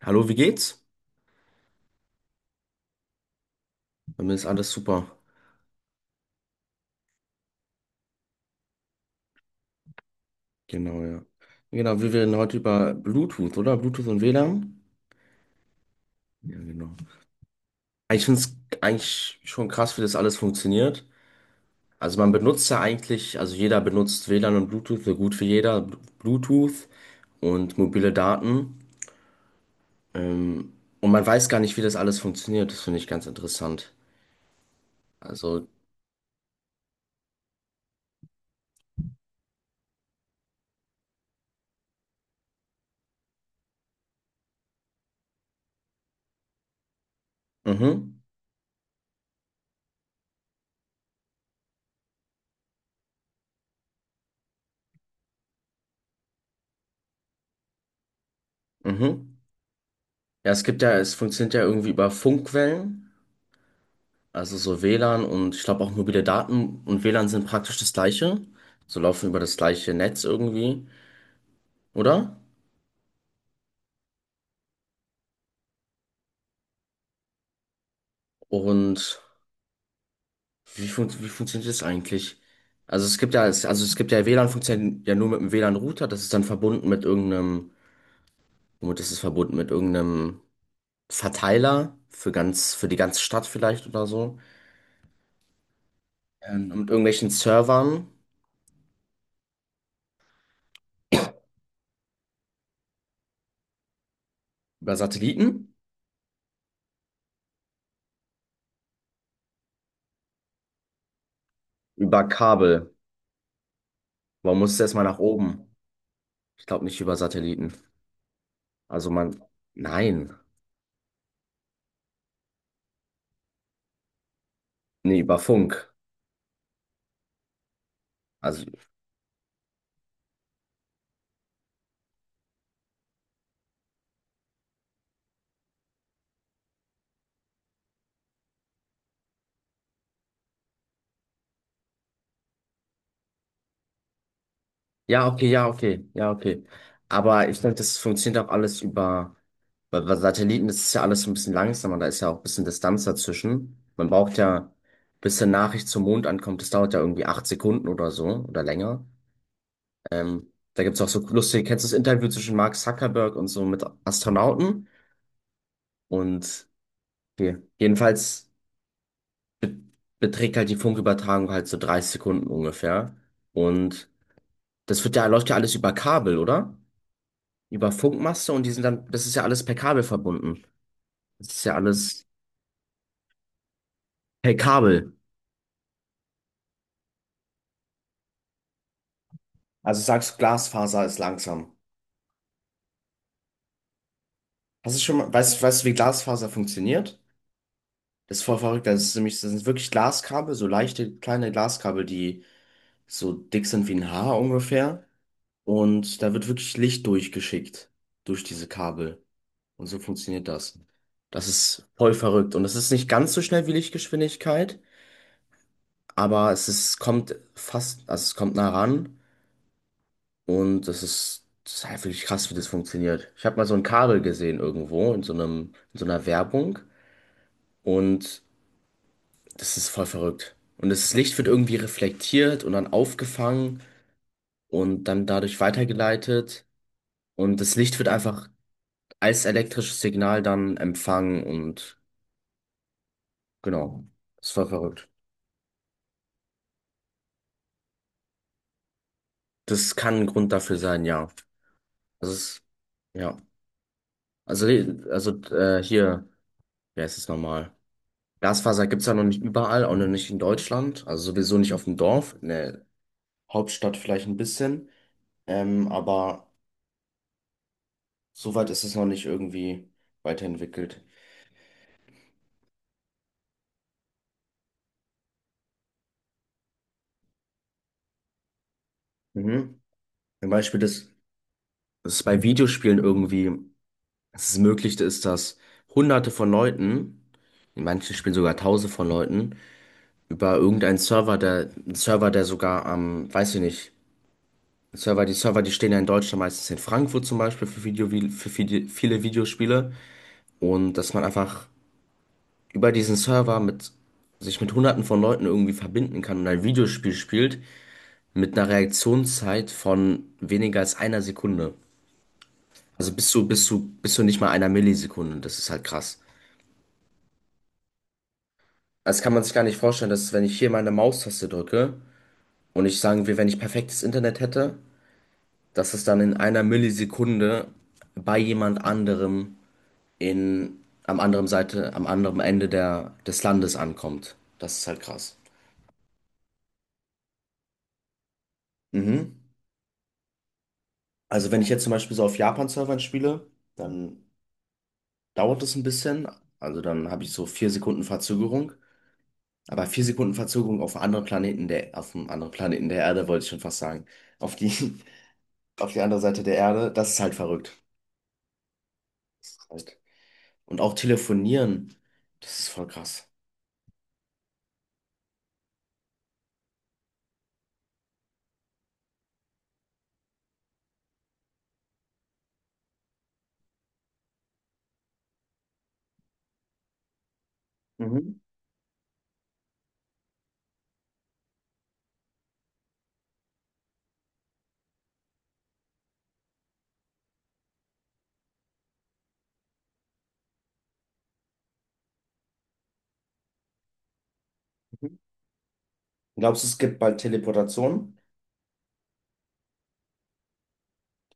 Hallo, wie geht's? Bei mir ist alles super. Genau, ja. Genau, wir reden heute über Bluetooth, oder? Bluetooth und WLAN? Ja, genau. Ich finde es eigentlich schon krass, wie das alles funktioniert. Also man benutzt ja eigentlich, also jeder benutzt WLAN und Bluetooth, so gut wie jeder, Bluetooth und mobile Daten. Ähm, und man weiß gar nicht, wie das alles funktioniert. Das finde ich ganz interessant. Also, mhm, mhm. Ja, es gibt ja, es funktioniert ja irgendwie über Funkwellen. Also so WLAN und ich glaube auch mobile Daten und WLAN sind praktisch das gleiche. So laufen über das gleiche Netz irgendwie, oder? Und wie, fun wie funktioniert das eigentlich? Also es gibt ja, also es gibt ja WLAN funktioniert ja nur mit einem WLAN-Router, das ist dann verbunden mit irgendeinem, womit ist es verbunden? Mit irgendeinem Verteiler für ganz, für die ganze Stadt vielleicht oder so. Mit irgendwelchen Servern, über Satelliten, über Kabel. Warum muss es erstmal nach oben? Ich glaube nicht über Satelliten. Also man, nein, nee, über Funk. Also, ja, okay, ja, okay, ja, okay. Aber ich denke, das funktioniert auch alles über, bei Satelliten ist es ja alles so ein bisschen langsamer, da ist ja auch ein bisschen Distanz dazwischen. Man braucht ja, bis eine Nachricht zum Mond ankommt, das dauert ja irgendwie 8 Sekunden oder so oder länger. Da gibt's auch so lustige, kennst du das Interview zwischen Mark Zuckerberg und so mit Astronauten? Und okay. Jedenfalls be beträgt halt die Funkübertragung halt so 30 Sekunden ungefähr. Und das wird ja, läuft ja alles über Kabel, oder? Über Funkmaste und die sind dann, das ist ja alles per Kabel verbunden. Das ist ja alles per Kabel. Also sagst du, Glasfaser ist langsam. Hast du schon mal, weißt du, wie Glasfaser funktioniert? Das ist voll verrückt. Das ist nämlich, das sind wirklich Glaskabel, so leichte kleine Glaskabel, die so dick sind wie ein Haar ungefähr. Und da wird wirklich Licht durchgeschickt durch diese Kabel. Und so funktioniert das. Das ist voll verrückt. Und das ist nicht ganz so schnell wie Lichtgeschwindigkeit. Aber es ist, kommt fast, also es kommt nah ran und das ist halt wirklich krass, wie das funktioniert. Ich habe mal so ein Kabel gesehen irgendwo in so einem, in so einer Werbung und das ist voll verrückt. Und das Licht wird irgendwie reflektiert und dann aufgefangen und dann dadurch weitergeleitet und das Licht wird einfach als elektrisches Signal dann empfangen und genau, das ist voll verrückt. Das kann ein Grund dafür sein, ja. Das ist, ja. Also, also, hier. Ja, es ist normal. Glasfaser gibt es ja noch nicht überall, auch noch nicht in Deutschland. Also sowieso nicht auf dem Dorf. In der Hauptstadt vielleicht ein bisschen. Aber soweit ist es noch nicht irgendwie weiterentwickelt. Mhm. Zum Beispiel, dass dass es bei Videospielen irgendwie dass es möglich ist, dass Hunderte von Leuten, in manchen Spielen sogar Tausende von Leuten, über irgendeinen Server, der, einen Server, der sogar am, weiß ich nicht, Server, die stehen ja in Deutschland meistens in Frankfurt zum Beispiel für Video, für viele, viele Videospiele. Und dass man einfach über diesen Server mit sich mit hunderten von Leuten irgendwie verbinden kann und ein Videospiel spielt mit einer Reaktionszeit von weniger als einer Sekunde. Also bis zu nicht mal einer Millisekunde. Das ist halt krass. Das kann man sich gar nicht vorstellen, dass wenn ich hier meine Maustaste drücke und ich sagen will, wenn ich perfektes Internet hätte, dass es dann in einer Millisekunde bei jemand anderem in, am anderen Seite, am anderen Ende der, des Landes ankommt. Das ist halt krass. Mhm. Also wenn ich jetzt zum Beispiel so auf Japan-Servern spiele, dann dauert es ein bisschen. Also dann habe ich so 4 Sekunden Verzögerung. Aber 4 Sekunden Verzögerung auf einem anderen Planeten der, auf einem anderen Planeten der Erde, wollte ich schon fast sagen. Auf die, auf die andere Seite der Erde, das ist halt verrückt. Das ist halt. Und auch telefonieren, das ist voll krass. Mhm. Mhm. Glaubst du, es gibt bald Teleportation?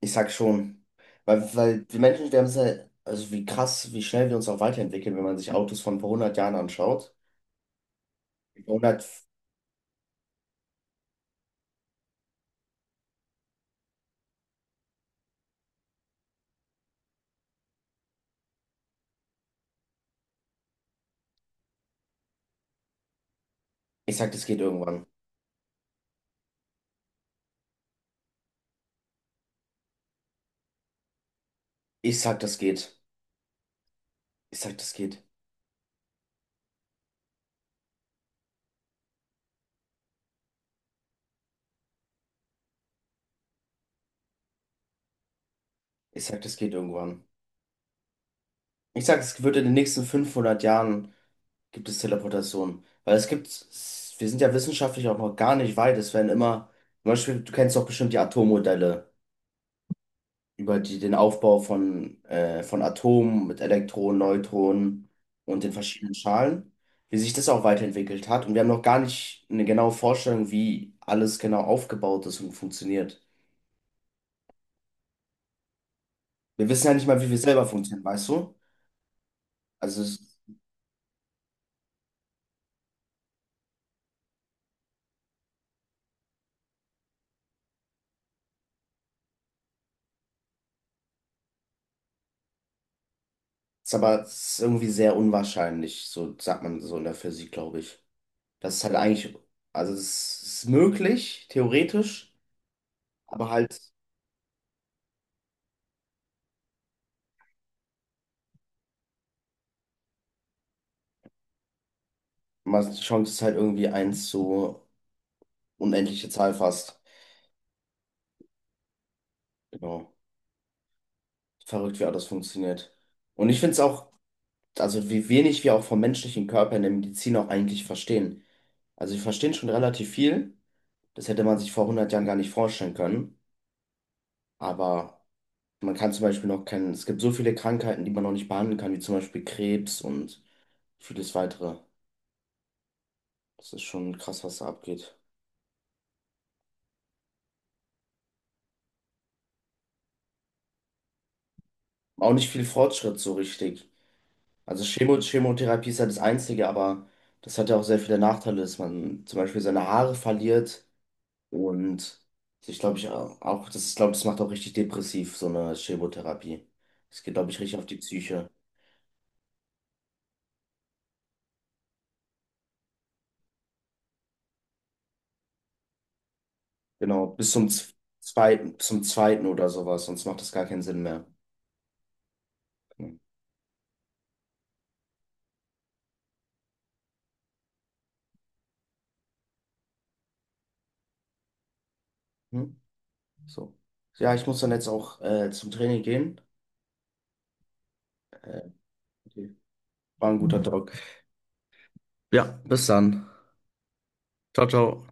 Ich sag schon. Weil wir Menschen, wir haben es ja, also wie krass, wie schnell wir uns auch weiterentwickeln, wenn man sich Autos von vor 100 Jahren anschaut. Ich sag, das geht irgendwann. Ich sag, das geht. Ich sag, das geht. Ich sag, das geht irgendwann. Ich sag, es wird in den nächsten 500 Jahren gibt es Teleportation. Weil es gibt, wir sind ja wissenschaftlich auch noch gar nicht weit. Es werden immer, zum Beispiel, du kennst doch bestimmt die Atommodelle über die, den Aufbau von Atomen mit Elektronen, Neutronen und den verschiedenen Schalen, wie sich das auch weiterentwickelt hat. Und wir haben noch gar nicht eine genaue Vorstellung, wie alles genau aufgebaut ist und funktioniert. Wir wissen ja nicht mal, wie wir selber funktionieren, weißt du? Also es ist aber es ist irgendwie sehr unwahrscheinlich, so sagt man so in der Physik, glaube ich. Das ist halt eigentlich, also es ist möglich, theoretisch, aber halt, man die Chance ist halt irgendwie eins zu unendliche Zahl fast. Genau. Verrückt, wie auch das funktioniert. Und ich finde es auch, also wie wenig wir auch vom menschlichen Körper in der Medizin auch eigentlich verstehen. Also wir verstehen schon relativ viel. Das hätte man sich vor 100 Jahren gar nicht vorstellen können. Aber man kann zum Beispiel noch kennen, es gibt so viele Krankheiten, die man noch nicht behandeln kann, wie zum Beispiel Krebs und vieles weitere. Das ist schon krass, was da abgeht. Auch nicht viel Fortschritt so richtig. Also Chemotherapie ist ja das Einzige, aber das hat ja auch sehr viele Nachteile, dass man zum Beispiel seine Haare verliert und ich glaube, ich auch, das ist, glaube das macht auch richtig depressiv, so eine Chemotherapie. Es geht, glaube ich, richtig auf die Psyche. Genau, bis zum zweiten oder sowas, sonst macht das gar keinen Sinn mehr. Genau. Hm? So. Ja, ich muss dann jetzt auch zum Training gehen. Äh, okay. War ein guter Talk. Ja, bis dann. Ciao, ciao.